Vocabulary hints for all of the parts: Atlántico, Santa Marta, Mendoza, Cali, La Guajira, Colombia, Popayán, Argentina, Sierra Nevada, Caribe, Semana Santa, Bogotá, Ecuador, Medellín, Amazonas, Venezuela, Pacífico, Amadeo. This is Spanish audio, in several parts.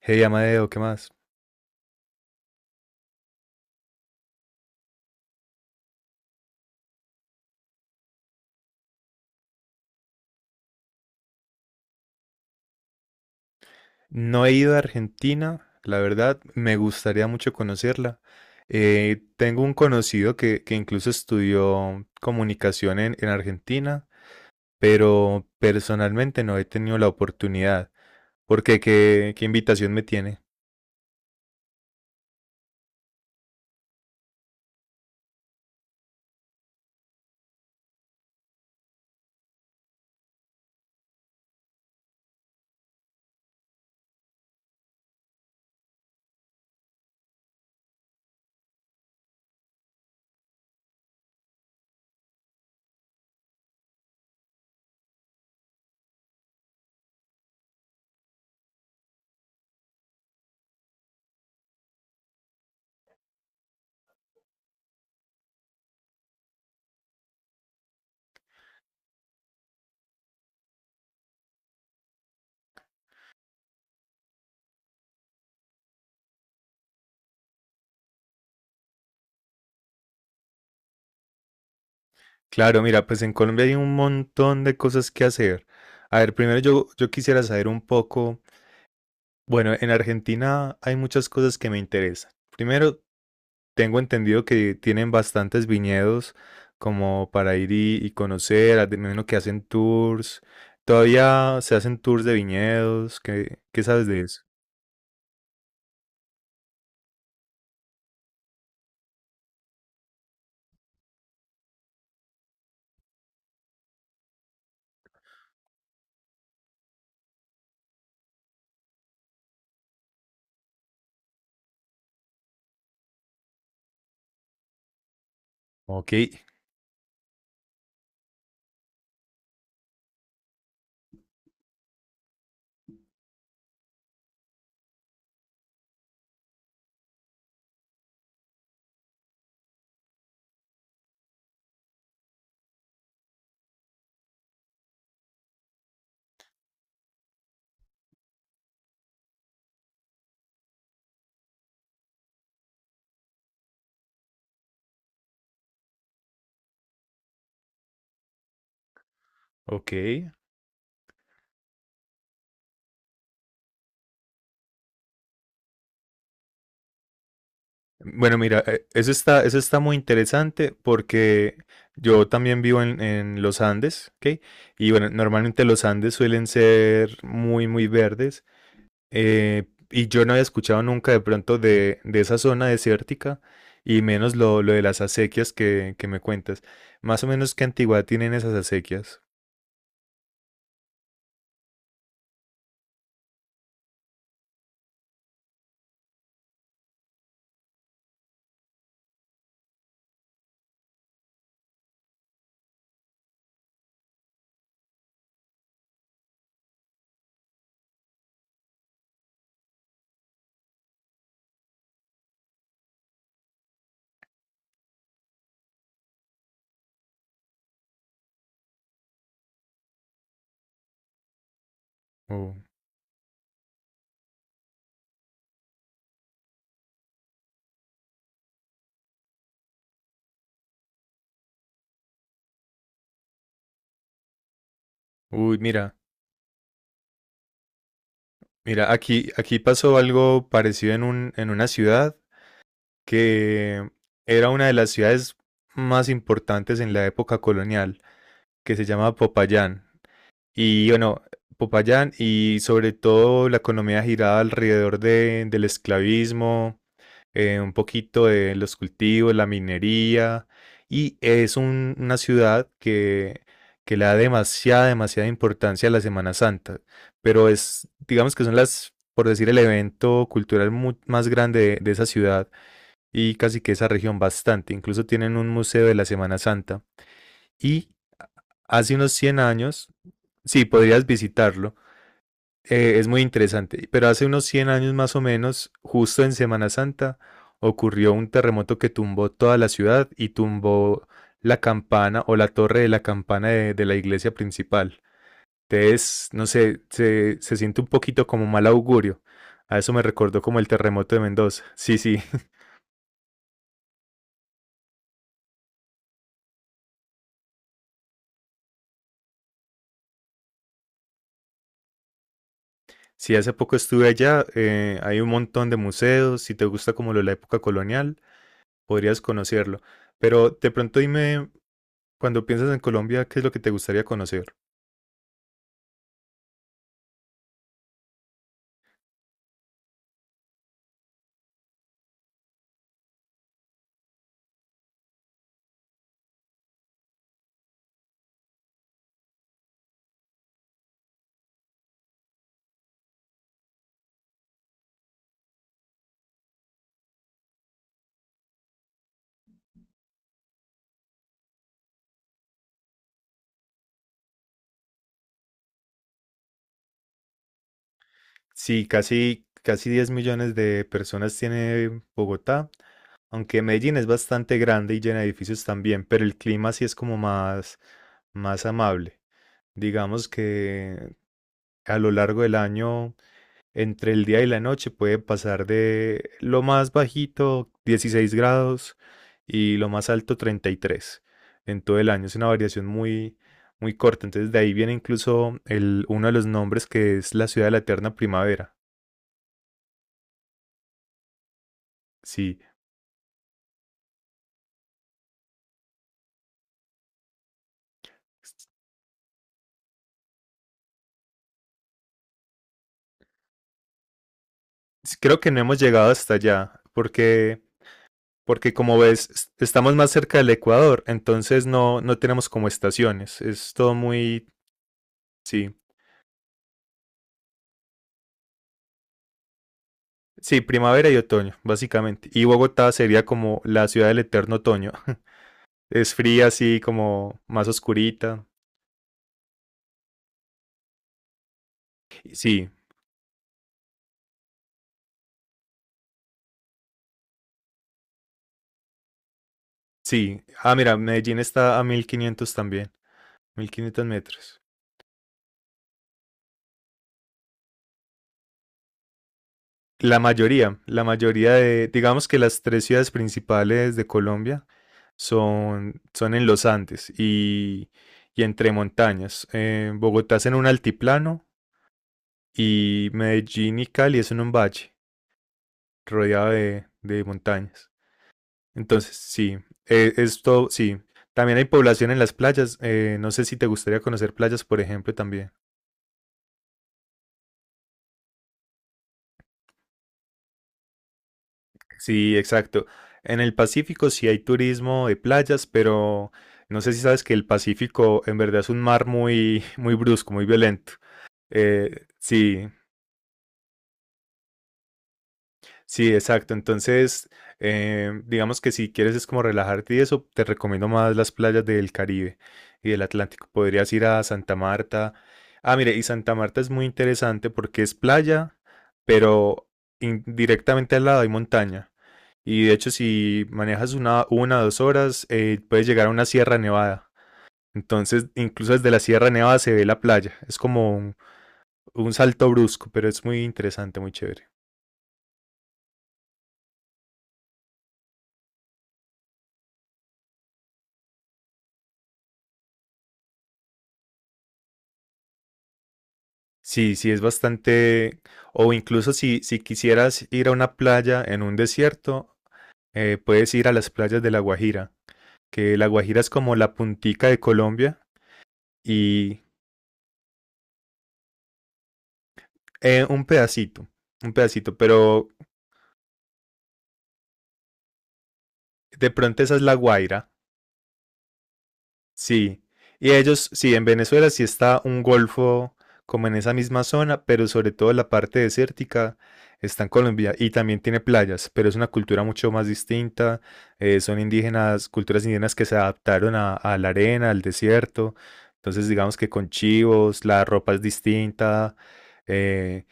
Hey Amadeo, ¿qué más? No he ido a Argentina, la verdad, me gustaría mucho conocerla. Tengo un conocido que incluso estudió comunicación en Argentina, pero personalmente no he tenido la oportunidad. ¿Por qué? ¿Qué invitación me tiene? Claro, mira, pues en Colombia hay un montón de cosas que hacer. A ver, primero yo quisiera saber un poco, bueno, en Argentina hay muchas cosas que me interesan. Primero, tengo entendido que tienen bastantes viñedos como para ir y conocer, me imagino que hacen tours, todavía se hacen tours de viñedos, ¿qué sabes de eso? Ok, ok. Bueno, mira, eso está muy interesante porque yo también vivo en los Andes, ¿ok? Y bueno, normalmente los Andes suelen ser muy verdes. Y yo no había escuchado nunca de pronto de esa zona desértica y menos lo de las acequias que me cuentas. Más o menos qué antigüedad tienen esas acequias. Oh, uy, mira, mira, aquí pasó algo parecido en en una ciudad que era una de las ciudades más importantes en la época colonial, que se llama Popayán. Y bueno, Popayán y sobre todo la economía giraba alrededor del esclavismo, un poquito de los cultivos, la minería, y es una ciudad que le da demasiada importancia a la Semana Santa, pero es, digamos que son las, por decir, el evento cultural más grande de esa ciudad y casi que esa región bastante, incluso tienen un museo de la Semana Santa, y hace unos 100 años, sí, podrías visitarlo. Es muy interesante, pero hace unos 100 años más o menos, justo en Semana Santa, ocurrió un terremoto que tumbó toda la ciudad y tumbó la campana o la torre de la campana de la iglesia principal. Entonces, no sé, se siente un poquito como mal augurio. A eso me recordó como el terremoto de Mendoza. Sí, sí, sí, hace poco estuve allá, hay un montón de museos, si te gusta como lo de la época colonial, podrías conocerlo. Pero de pronto dime, cuando piensas en Colombia, ¿qué es lo que te gustaría conocer? Sí, casi, casi 10 millones de personas tiene Bogotá, aunque Medellín es bastante grande y llena de edificios también, pero el clima sí es como más, más amable. Digamos que a lo largo del año, entre el día y la noche, puede pasar de lo más bajito, 16 grados, y lo más alto, 33 en todo el año. Es una variación muy corta. Entonces de ahí viene incluso el, uno de los nombres que es la ciudad de la eterna primavera. Sí. Creo que no hemos llegado hasta allá, porque, porque como ves, estamos más cerca del Ecuador, entonces no tenemos como estaciones. Es todo muy, sí, sí, primavera y otoño, básicamente. Y Bogotá sería como la ciudad del eterno otoño. Es fría, así como más oscurita. Sí, sí. Ah, mira, Medellín está a 1500 también, 1500 metros. La mayoría de, digamos que las tres ciudades principales de Colombia son en los Andes y entre montañas. Bogotá es en un altiplano y Medellín y Cali es en un valle rodeado de montañas. Entonces, sí, esto sí. También hay población en las playas. Eh, no sé si te gustaría conocer playas, por ejemplo, también. Sí, exacto. En el Pacífico sí hay turismo de playas, pero no sé si sabes que el Pacífico en verdad es un mar muy, muy brusco, muy violento. Sí, sí, exacto. Entonces, digamos que si quieres es como relajarte y eso, te recomiendo más las playas del Caribe y del Atlántico. Podrías ir a Santa Marta. Ah, mire, y Santa Marta es muy interesante porque es playa, pero directamente al lado hay montaña. Y de hecho, si manejas una o dos horas, puedes llegar a una Sierra Nevada. Entonces, incluso desde la Sierra Nevada se ve la playa. Es como un salto brusco, pero es muy interesante, muy chévere. Sí, sí, es bastante. O incluso si quisieras ir a una playa en un desierto, puedes ir a las playas de La Guajira, que La Guajira es como la puntica de Colombia y eh, un pedacito, un pedacito, pero de pronto esa es La Guaira. Sí, y ellos, sí, en Venezuela sí está un golfo como en esa misma zona, pero sobre todo la parte desértica está en Colombia y también tiene playas, pero es una cultura mucho más distinta. Eh, son indígenas, culturas indígenas que se adaptaron a la arena, al desierto. Entonces, digamos que con chivos, la ropa es distinta. Eh,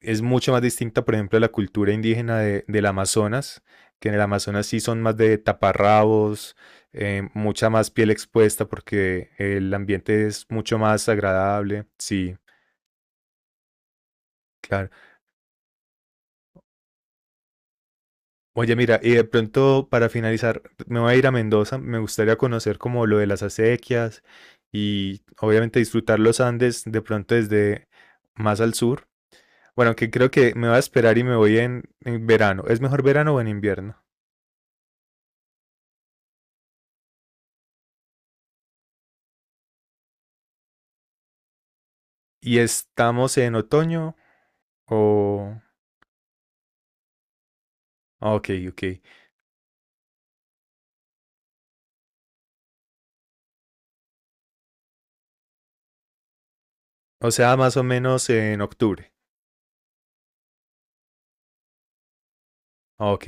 es mucho más distinta, por ejemplo, a la cultura indígena del Amazonas, que en el Amazonas sí son más de taparrabos, mucha más piel expuesta porque el ambiente es mucho más agradable. Sí, claro. Oye, mira, y de pronto para finalizar, me voy a ir a Mendoza, me gustaría conocer como lo de las acequias y obviamente disfrutar los Andes de pronto desde más al sur. Bueno, que creo que me voy a esperar y me voy en verano. ¿Es mejor verano o en invierno? ¿Y estamos en otoño o...? Ok, ok. O sea, más o menos en octubre. Ok,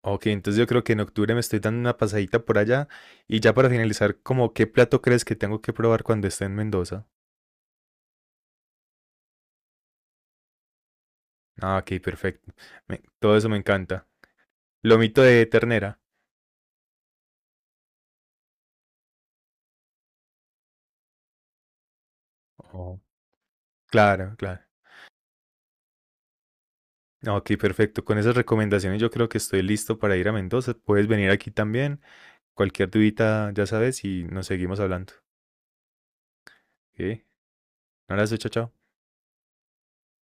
ok, entonces yo creo que en octubre me estoy dando una pasadita por allá. Y ya para finalizar, como qué plato crees que tengo que probar cuando esté en Mendoza? Ah, ok, perfecto. Todo eso me encanta. Lomito de ternera. Oh, claro, claro. Ah, ok, perfecto. Con esas recomendaciones yo creo que estoy listo para ir a Mendoza. Puedes venir aquí también. Cualquier dudita, ya sabes, y nos seguimos hablando. Ok, un abrazo, chao, chao.